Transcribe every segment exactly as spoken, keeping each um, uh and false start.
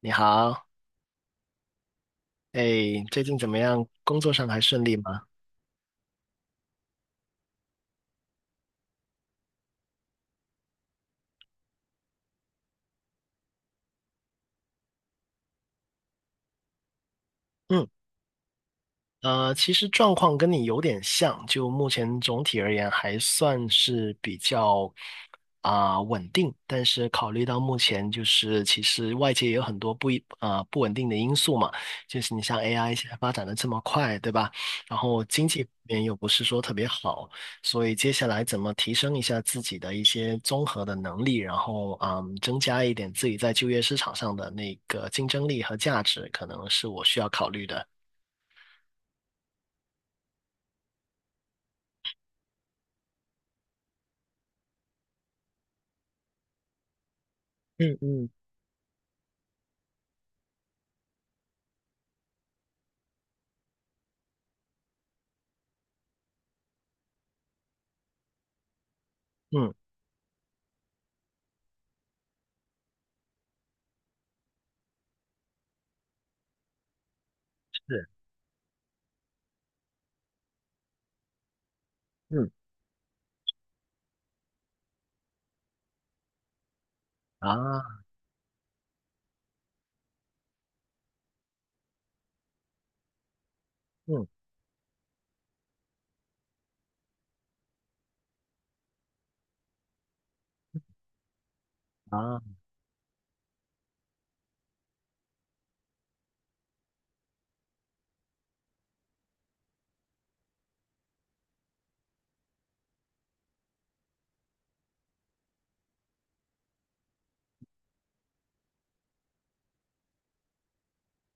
你好，哎，最近怎么样？工作上还顺利吗？嗯。呃，其实状况跟你有点像，就目前总体而言还算是比较啊、稳定，但是考虑到目前就是其实外界也有很多不一啊、不稳定的因素嘛，就是你像 A I 现在发展的这么快，对吧？然后经济方面又不是说特别好，所以接下来怎么提升一下自己的一些综合的能力，然后嗯，增加一点自己在就业市场上的那个竞争力和价值，可能是我需要考虑的。嗯嗯。嗯。是。嗯啊。嗯啊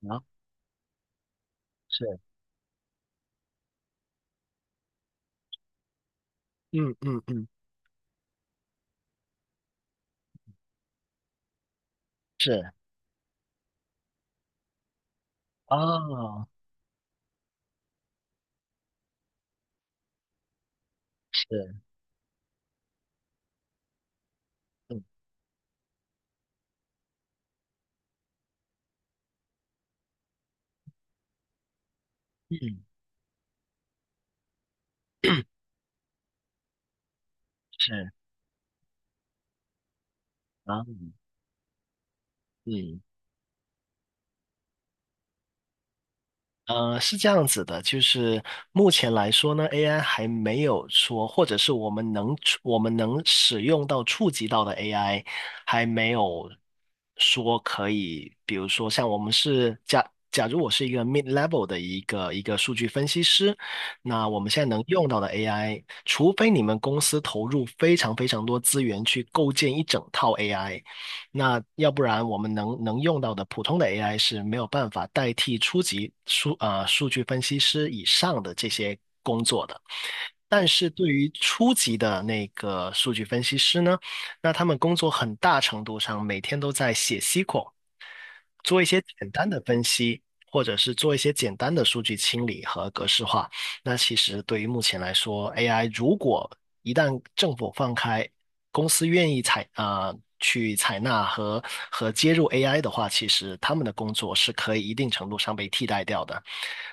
啊。是。嗯嗯嗯。是。哦。是。嗯嗯是啊。嗯。呃，是这样子的，就是目前来说呢，A I 还没有说，或者是我们能触我们能使用到、触及到的 A I，还没有说可以，比如说像我们是假假如我是一个 mid level 的一个一个数据分析师，那我们现在能用到的 A I，除非你们公司投入非常非常多资源去构建一整套 A I。那要不然我们能能用到的普通的 A I 是没有办法代替初级数啊、呃数据分析师以上的这些工作的。但是对于初级的那个数据分析师呢，那他们工作很大程度上每天都在写 S Q L，做一些简单的分析，或者是做一些简单的数据清理和格式化，那其实对于目前来说，A I 如果一旦政府放开，公司愿意采啊、呃去采纳和和接入 A I 的话，其实他们的工作是可以一定程度上被替代掉的。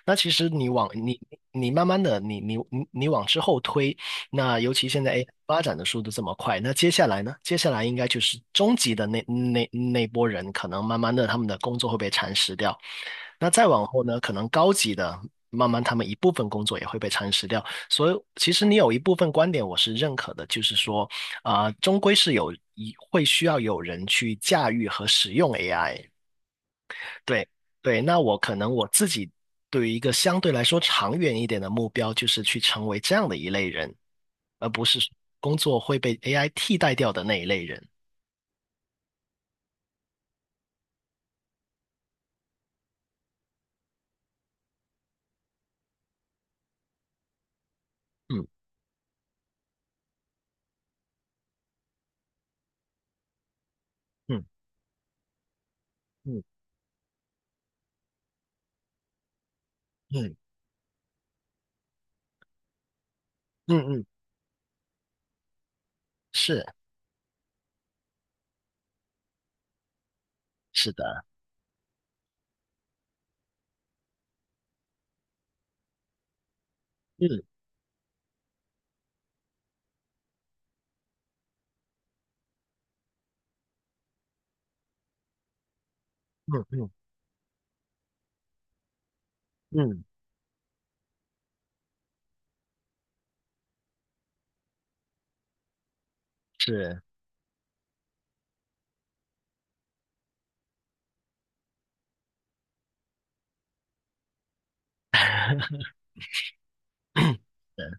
那其实你往你你慢慢的你你你你往之后推，那尤其现在 A I 发展的速度这么快，那接下来呢？接下来应该就是中级的那那那波人，可能慢慢的他们的工作会被蚕食掉。那再往后呢，可能高级的慢慢他们一部分工作也会被蚕食掉。所以其实你有一部分观点我是认可的，就是说啊、终归是有一会需要有人去驾驭和使用 A I。对对，那我可能我自己对于一个相对来说长远一点的目标，就是去成为这样的一类人，而不是工作会被 A I 替代掉的那一类人。嗯嗯嗯嗯嗯嗯。是是的。嗯嗯嗯嗯。是的。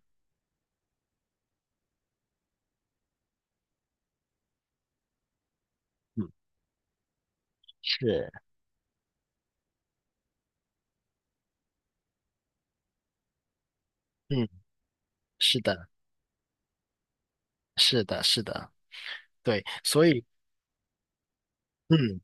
嗯是嗯是的。是的，是的，对。所以。嗯。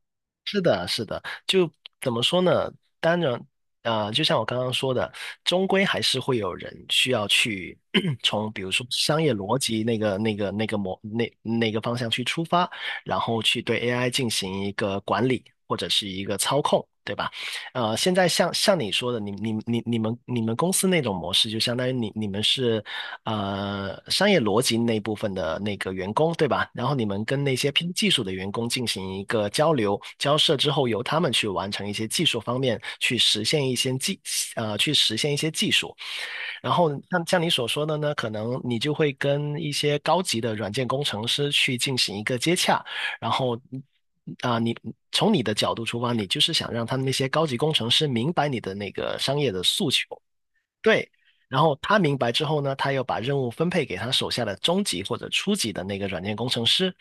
是的，是的，就怎么说呢？当然，啊，就像我刚刚说的，终归还是会有人需要去 从，比如说商业逻辑那个、那个、那个模、那那个方向去出发，然后去对 A I 进行一个管理或者是一个操控，对吧？呃，现在像像你说的，你你你你们你们公司那种模式，就相当于你你们是呃商业逻辑那部分的那个员工，对吧？然后你们跟那些偏技术的员工进行一个交流交涉之后，由他们去完成一些技术方面去实现一些技呃去实现一些技术。然后像像你所说的呢，可能你就会跟一些高级的软件工程师去进行一个接洽，然后啊、你从你的角度出发，你就是想让他们那些高级工程师明白你的那个商业的诉求，对，然后他明白之后呢，他又把任务分配给他手下的中级或者初级的那个软件工程师，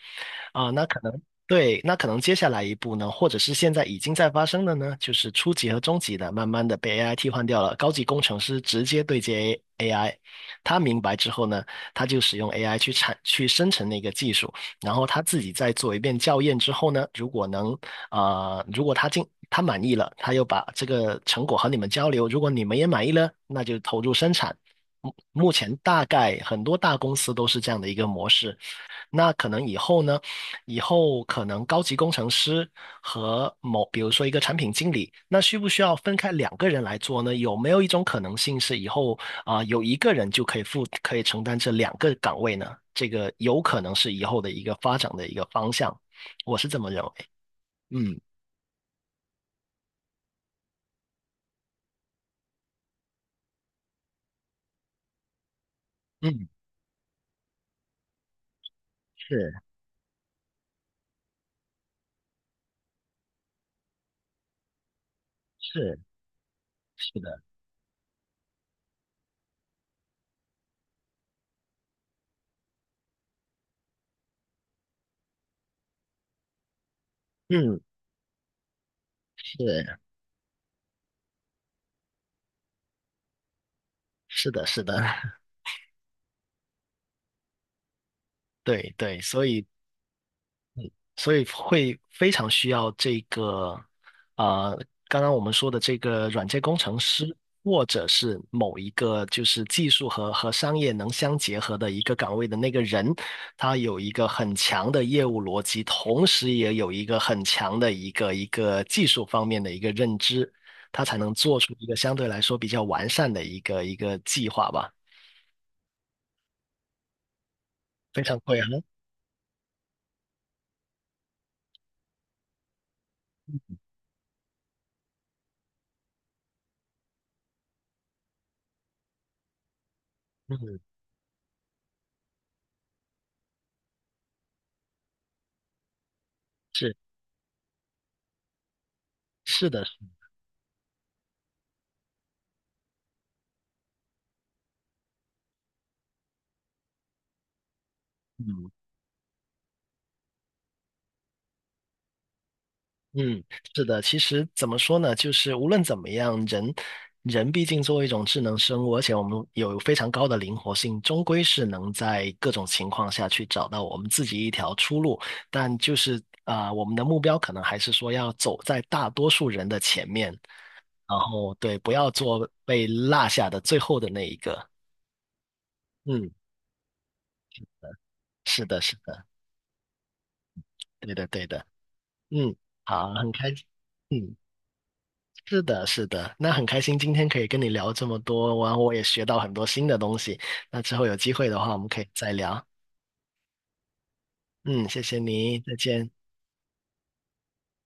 啊，那可能对，那可能接下来一步呢，或者是现在已经在发生的呢，就是初级和中级的慢慢的被 A I 替换掉了，高级工程师直接对接。 A- i 他明白之后呢，他就使用 A I 去产去生成那个技术，然后他自己再做一遍校验之后呢，如果能啊呃，如果他进他满意了，他又把这个成果和你们交流，如果你们也满意了，那就投入生产。目目前大概很多大公司都是这样的一个模式，那可能以后呢，以后可能高级工程师和某，比如说一个产品经理，那需不需要分开两个人来做呢？有没有一种可能性是以后啊，有一个人就可以负，可以承担这两个岗位呢？这个有可能是以后的一个发展的一个方向，我是这么认为。嗯嗯。是是是的。嗯是是的是的。对对，所以。所以会非常需要这个，呃，刚刚我们说的这个软件工程师，或者是某一个就是技术和和商业能相结合的一个岗位的那个人，他有一个很强的业务逻辑，同时也有一个很强的一个一个技术方面的一个认知，他才能做出一个相对来说比较完善的一个一个计划吧。非常贵啊，嗯，是是的。嗯。嗯，是的，其实怎么说呢，就是无论怎么样，人人毕竟作为一种智能生物，而且我们有非常高的灵活性，终归是能在各种情况下去找到我们自己一条出路。但就是啊、呃我们的目标可能还是说要走在大多数人的前面，然后对，不要做被落下的最后的那一个。嗯，是的，是的，对的，对的。嗯，好，很开心。嗯。是的，是的，那很开心今天可以跟你聊这么多，然后我也学到很多新的东西。那之后有机会的话，我们可以再聊。嗯，谢谢你，再见。